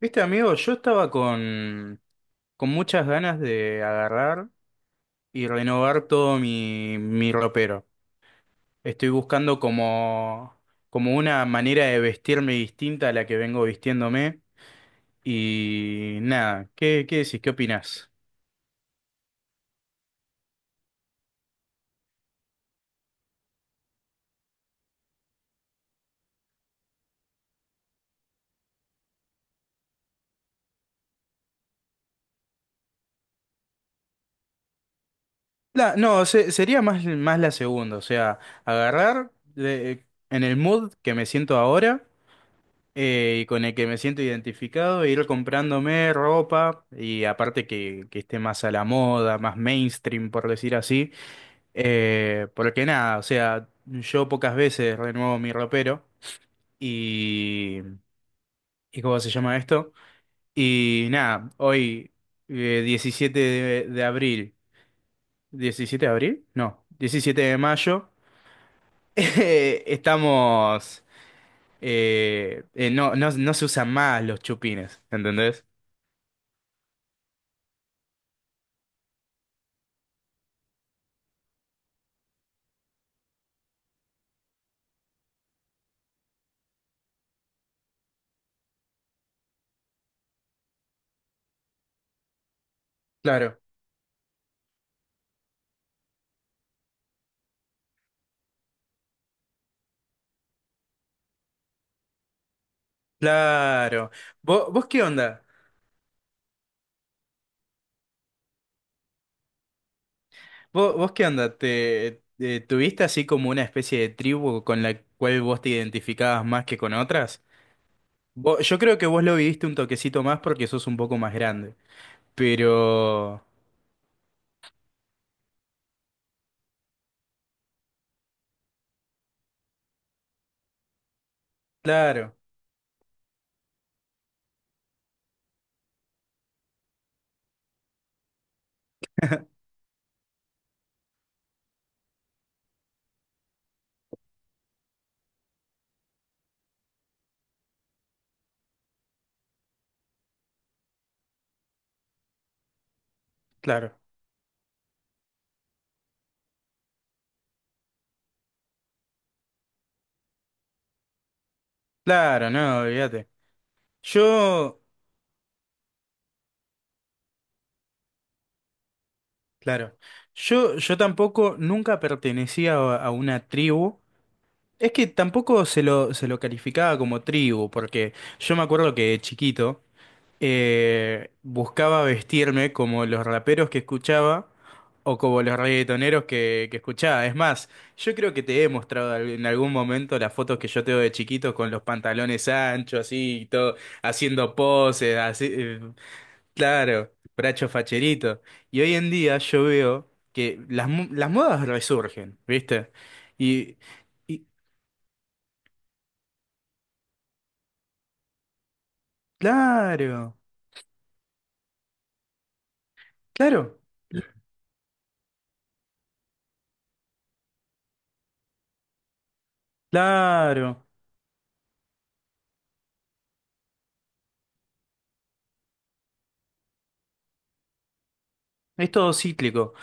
Viste, amigo, yo estaba con muchas ganas de agarrar y renovar todo mi ropero. Estoy buscando como una manera de vestirme distinta a la que vengo vistiéndome. Y nada, ¿qué decís? ¿Qué opinás? La, no, sería más la segunda, o sea, agarrar en el mood que me siento ahora. Eh, y con el que me siento identificado, e ir comprándome ropa y aparte que esté más a la moda, más mainstream, por decir así. Porque nada, o sea, yo pocas veces renuevo mi ropero y, ¿y cómo se llama esto? Y nada, hoy 17 de abril, ¿17 de abril? No, 17 de mayo, estamos... no, no se usan más los chupines, ¿entendés? Claro. Claro. ¿Vos qué onda? ¿Vos qué onda? ¿Te, tuviste así como una especie de tribu con la cual vos te identificabas más que con otras? Yo creo que vos lo viviste un toquecito más porque sos un poco más grande. Pero... Claro, claro. Claro, no, olvídate. Yo... Claro. Yo tampoco nunca pertenecía a una tribu. Es que tampoco se lo calificaba como tribu, porque yo me acuerdo que de chiquito buscaba vestirme como los raperos que escuchaba o como los reggaetoneros que escuchaba. Es más, yo creo que te he mostrado en algún momento las fotos que yo tengo de chiquito con los pantalones anchos, así, y todo, haciendo poses, así, claro, bracho facherito. Y hoy en día yo veo que las, las modas resurgen, ¿viste? Y. Y claro, claro, claro. Es todo cíclico.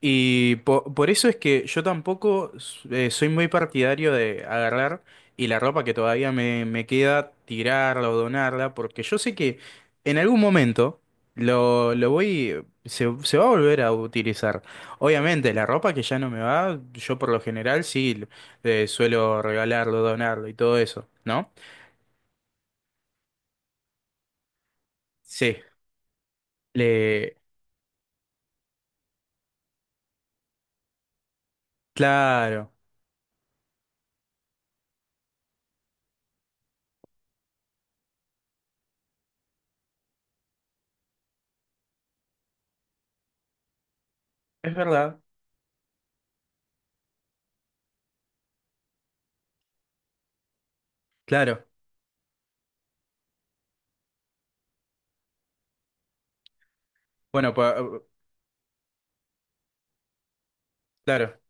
Y por eso es que yo tampoco soy muy partidario de agarrar y la ropa que todavía me queda, tirarla o donarla, porque yo sé que en algún momento lo voy, se va a volver a utilizar. Obviamente, la ropa que ya no me va, yo por lo general sí suelo regalarlo, donarlo y todo eso, ¿no? Sí, le... Claro, es verdad. Claro, bueno, por, claro.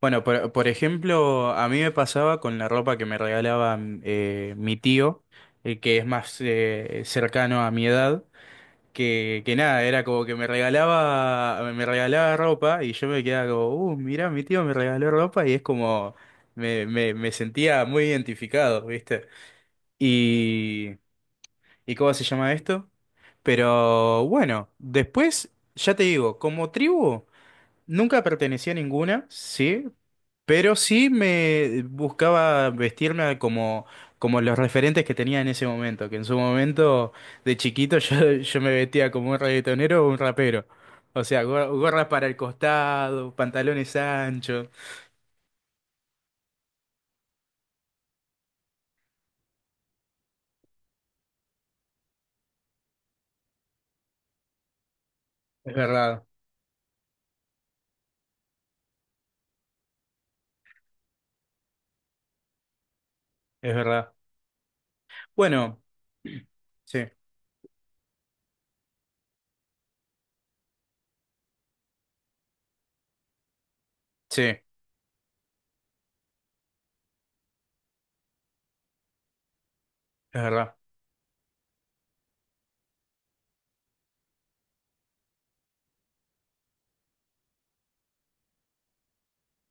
Bueno, por ejemplo, a mí me pasaba con la ropa que me regalaba mi tío, el que es más cercano a mi edad, que nada, era como que me regalaba ropa y yo me quedaba como, mirá, mi tío me regaló ropa y es como, me sentía muy identificado, ¿viste? Y, ¿Y cómo se llama esto? Pero bueno, después, ya te digo, como tribu. Nunca pertenecí a ninguna, sí, pero sí me buscaba vestirme como, como los referentes que tenía en ese momento, que en su momento de chiquito yo me vestía como un reggaetonero o un rapero. O sea, gorras para el costado, pantalones anchos. Es verdad, es verdad. Bueno, sí, sí, es verdad.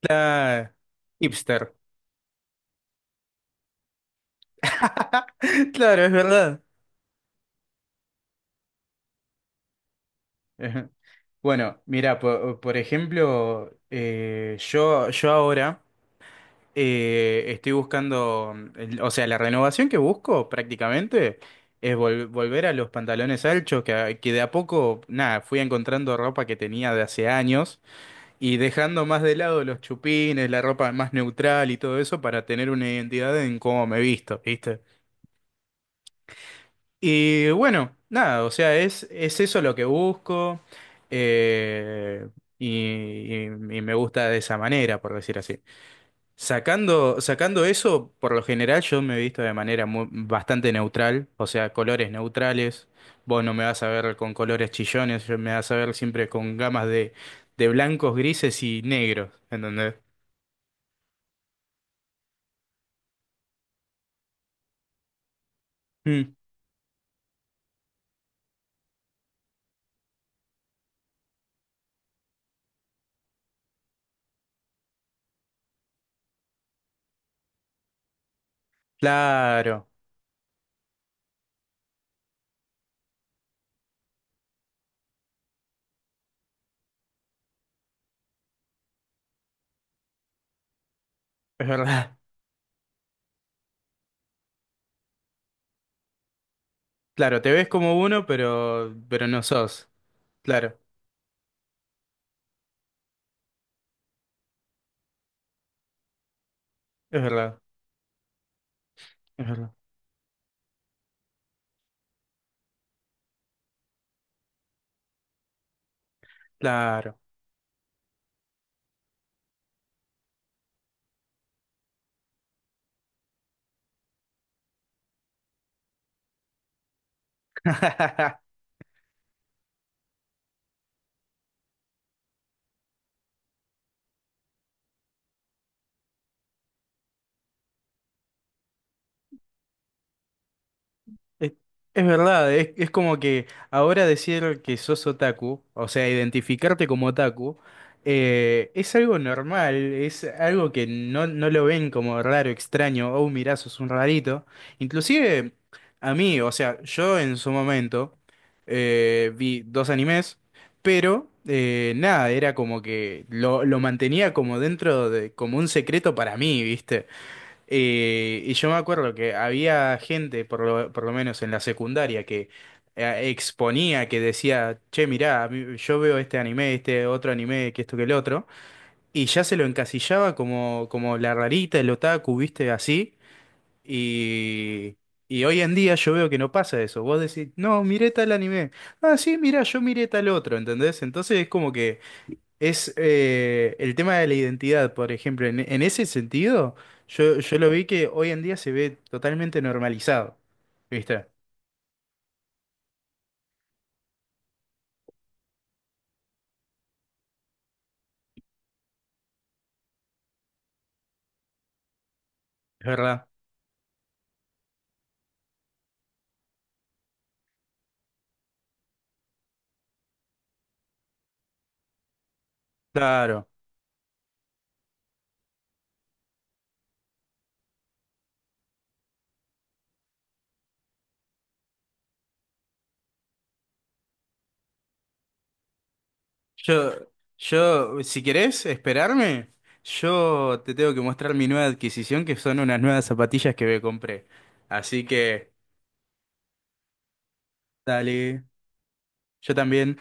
La hipster. Claro, es verdad. Ajá. Bueno, mira, por ejemplo, yo ahora estoy buscando, o sea, la renovación que busco prácticamente es volver a los pantalones anchos, que, que de a poco, nada, fui encontrando ropa que tenía de hace años y dejando más de lado los chupines, la ropa más neutral y todo eso para tener una identidad en cómo me visto, ¿viste? Y bueno, nada, o sea, es eso lo que busco eh, y, y me gusta de esa manera, por decir así. Sacando, sacando eso, por lo general yo me he visto de manera bastante neutral, o sea, colores neutrales. Vos no me vas a ver con colores chillones, yo me vas a ver siempre con gamas de blancos, grises y negros, ¿entendés? Mm, claro, es verdad. Claro, te ves como uno, pero no sos. Claro, es verdad. Es verdad. Claro. Es, es verdad, es como que ahora decir que sos otaku, o sea, identificarte como otaku, es algo normal, es algo que no, no lo ven como raro, extraño, oh, mirá, sos un rarito. Inclusive a mí, o sea, yo en su momento vi dos animes, pero nada, era como que lo mantenía como dentro de, como un secreto para mí, ¿viste? Y yo me acuerdo que había gente, por lo menos en la secundaria, que exponía, que decía, che, mirá, yo veo este anime, este otro anime, que esto, que el otro, y ya se lo encasillaba como, como la rarita, el otaku, viste, así, y, y hoy en día yo veo que no pasa eso, vos decís, no, miré tal anime, ah, sí, mirá, yo miré tal otro, ¿entendés? Entonces es como que... Es el tema de la identidad, por ejemplo. En ese sentido, yo lo vi que hoy en día se ve totalmente normalizado. ¿Viste? Es verdad. Claro. Yo, yo, si querés esperarme, yo te tengo que mostrar mi nueva adquisición, que son unas nuevas zapatillas que me compré. Así que, dale. Yo también.